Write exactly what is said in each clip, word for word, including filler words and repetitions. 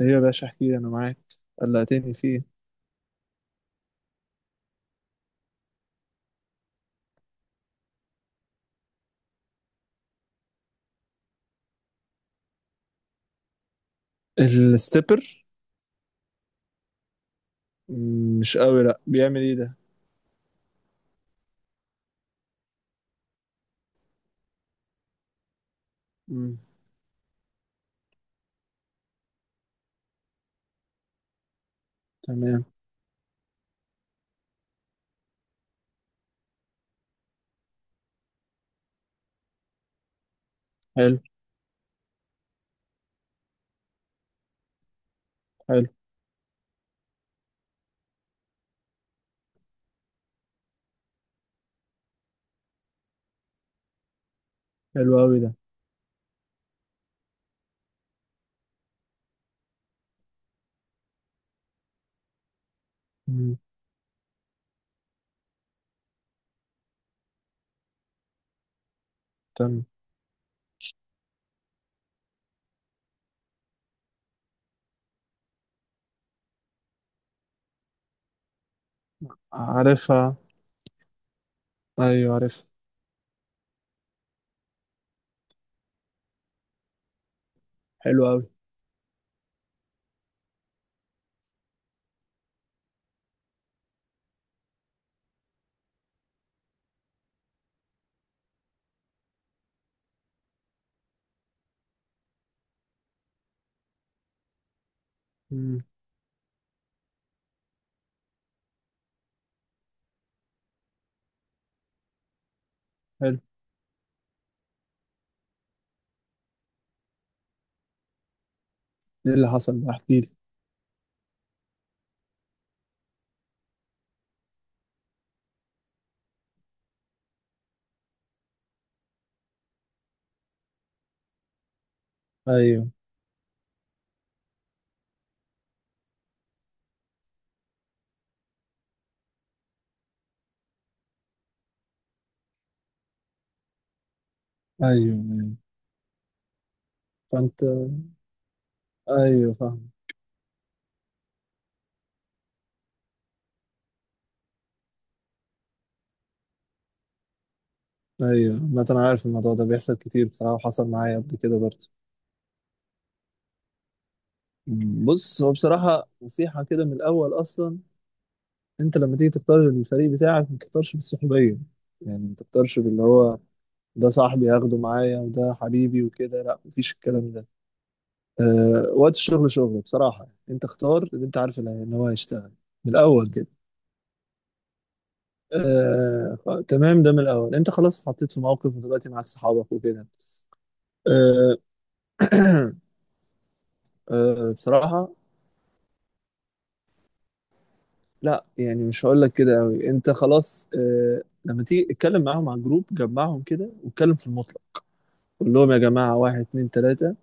ايه يا باشا، احكي لي، انا معاك. قلقتني فيه. الستيبر. مم، مش قوي، لا، بيعمل ايه ده؟ مم، تمام. حلو. حلو. حلو قوي ده. مم، تمام. عارفها، ايوه عارفها. حلو قوي. مم. حلو. ايه اللي حصل ده؟ احكي لي. ايوه، ايوه. ايوه، فانت... ايوه، فاهم. ايوه، ما انا عارف الموضوع ده بيحصل كتير بصراحه، وحصل معايا قبل كده برضه. مم، بص، هو بصراحه نصيحه كده من الاول اصلا. انت لما تيجي تختار الفريق بتاعك ما تختارش بالسحورية. يعني ما تختارش باللي هو، ده صاحبي هاخده معايا وده حبيبي وكده. لا، مفيش الكلام ده. أه. وقت الشغل شغل بصراحة، انت اختار اللي انت عارف، اللي- ان هو هيشتغل، من الاول كده. أه، خ- تمام، ده من الاول انت خلاص اتحطيت في موقف، ودلوقتي معاك صحابك وكده. أه. أه، بصراحة. لا، يعني مش هقول لك كده قوي. انت خلاص، أه، لما تيجي اتكلم معاهم على الجروب، جمعهم كده واتكلم في المطلق. قول لهم يا جماعة، واحد، اتنين، تلاتة.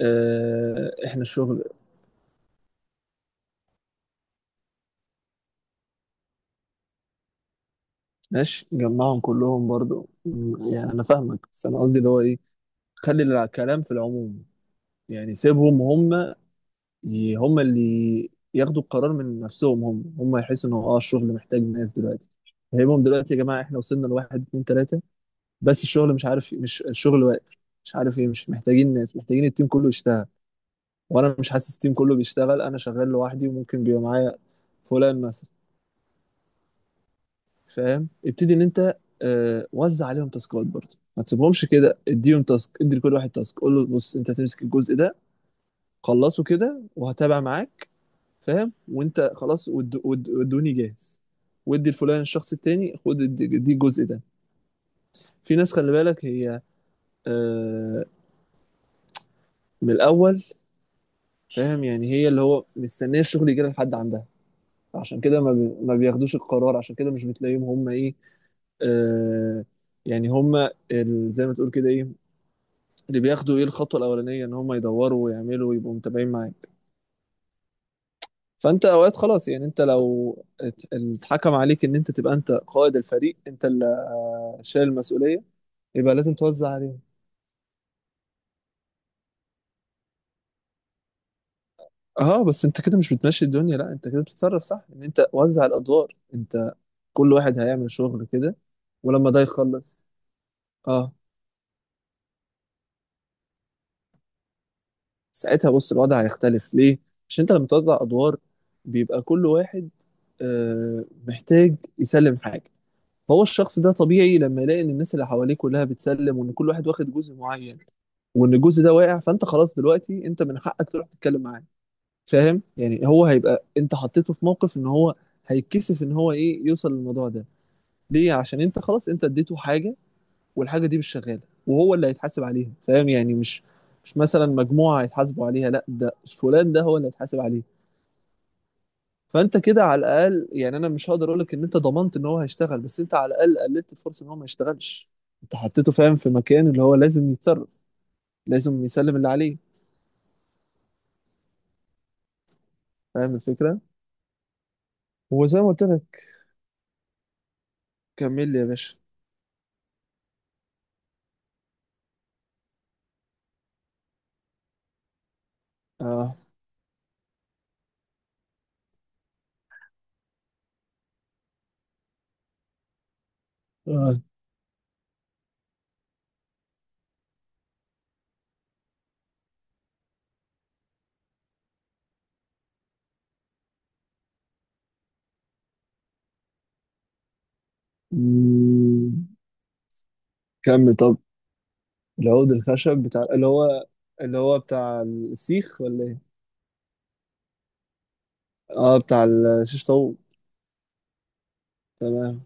آه، احنا الشغل. ماشي، جمعهم كلهم برضو، م- يعني انا فاهمك، بس انا قصدي اللي هو ايه. خلي الكلام في العموم. يعني سيبهم هم. ي- هم اللي ياخدوا القرار من نفسهم، هم هم يحسوا ان هو اه الشغل محتاج ناس دلوقتي. فهمهم دلوقتي يا جماعه، احنا وصلنا لواحد، اتنين، تلاته. بس الشغل مش عارف، مش الشغل واقف. مش عارف ايه، مش محتاجين ناس، محتاجين التيم كله يشتغل. وانا مش حاسس التيم كله بيشتغل، انا شغال لوحدي وممكن بيبقى معايا فلان مثلا. فاهم؟ ابتدي ان انت آه، وزع عليهم تاسكات برضه، ما تسيبهمش كده، اديهم تاسك، ادي لكل واحد تاسك، قول له بص انت هتمسك الجزء ده. خلصه كده وهتابع معاك. فاهم؟ وانت خلاص، ود- ود- ودوني جاهز. وادي الفلان الشخص التاني، خد، ادي، ادي الجزء ده. في ناس خلي بالك هي. آه، من الاول. فاهم؟ يعني هي اللي هو مستنيه الشغل يجي لها لحد عندها. عشان كده ما بي- ما بياخدوش القرار، عشان كده مش بتلاقيهم هم ايه. آه، يعني هم، ال- زي ما تقول كده ايه، اللي بياخدوا ايه الخطوه الاولانيه، ان هم يدوروا ويعملوا ويبقوا متابعين معاك. فانت اوقات خلاص، يعني انت لو ات- اتحكم عليك ان انت تبقى انت قائد الفريق، انت اللي شايل المسؤوليه. يبقى لازم توزع عليهم. اه، بس انت كده مش بتمشي الدنيا، لا انت كده بتتصرف صح، ان انت وزع الادوار، انت كل واحد هيعمل شغل كده. ولما ده يخلص... اه. ساعتها بص الوضع هيختلف، ليه؟ عشان انت لما توزع ادوار، بيبقى كل واحد آه محتاج يسلم حاجه. فهو الشخص ده طبيعي لما يلاقي ان الناس اللي حواليه كلها بتسلم، وان كل واحد واخد جزء معين، وان الجزء ده واقع، فانت خلاص دلوقتي انت من حقك تروح تتكلم معاه. فاهم؟ يعني هو هيبقى، انت حطيته في موقف ان هو هيتكسف ان هو ايه يوصل للموضوع ده. ليه؟ عشان انت خلاص انت اديته حاجة، والحاجة دي مش شغالة، وهو اللي هيتحاسب عليها. فاهم؟ يعني مش مش مثلا مجموعة هيتحاسبوا عليها، لا، ده فلان، ده هو اللي هيتحاسب عليه. فانت كده على الاقل، يعني انا مش هقدر اقول لك ان انت ضمنت ان هو هيشتغل، بس انت على الاقل قللت الفرصه ان هو ما يشتغلش. انت حطيته، فاهم؟ في مكان اللي هو لازم يتصرف، لازم يسلم اللي عليه. فاهم الفكره؟ وزي ما قلت لك، كمل لي يا باشا. اه. اه. مم. كمل، طب. العود الخشب بتاع اللي هو، اللي هو بتاع السيخ، ولا ايه؟ اه، بتاع الشيش طاووق. تمام.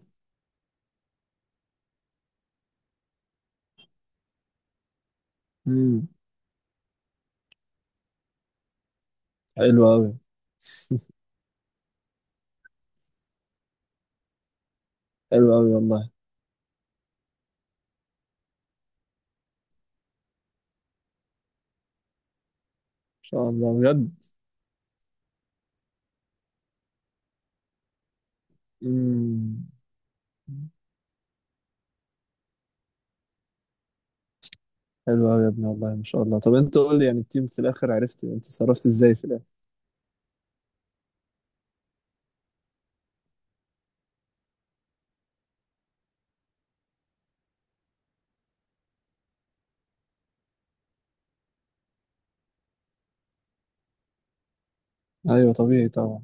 امم. حلو قوي. حلو قوي والله، ان شاء الله بجد. امم. حلو قوي يا ابني والله ما شاء الله. طب انت قول لي يعني، التيم في الاخر عرفت انت صرفت ازاي في الاخر؟ ايوه، طبيعي طبعا.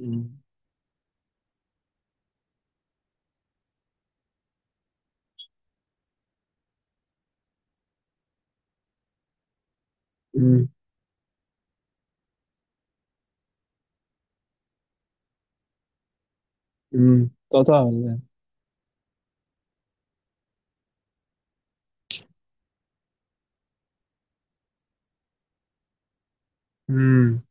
امم. امم. امم قطع ولا ايه؟ امم.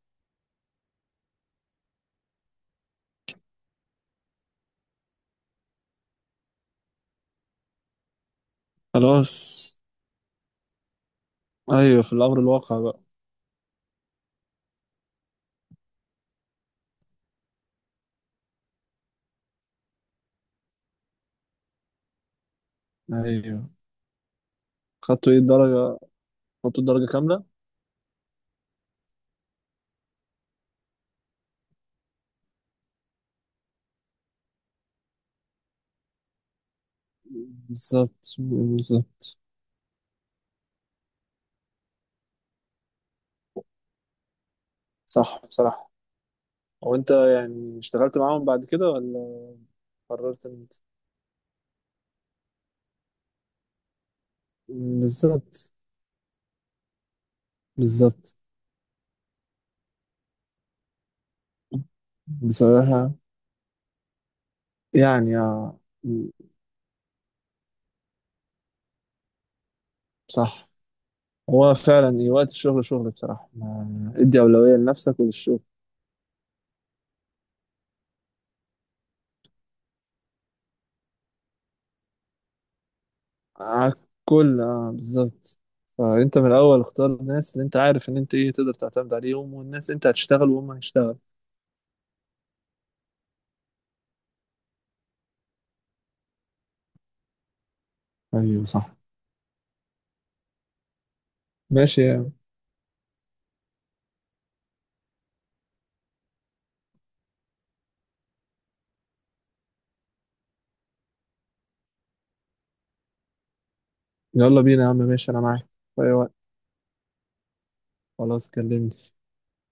خلاص. ايوه، في الامر الواقع بقى. ايوه، خدتوا ايه الدرجه؟ خدتوا الدرجه كامله؟ بالظبط، بالظبط. صح، بصراحه. هو انت يعني اشتغلت معاهم بعد كده ولا قررت ان انت؟ مم، بالظبط. بالظبط. بصراحه يعني آه، مم، صح. هو فعلا إيه، وقت الشغل شغل بصراحة، ما- ادي أولوية لنفسك وللشغل. على الكل، اه، بالظبط. فأنت من الأول اختار الناس اللي أنت عارف إن أنت إيه تقدر تعتمد عليهم، والناس أنت هتشتغل وهم هيشتغل. أيوة، صح. ماشي يا عم. يلا بينا يا عم، ماشي أنا معاك في أي وقت. خلاص، كلمني.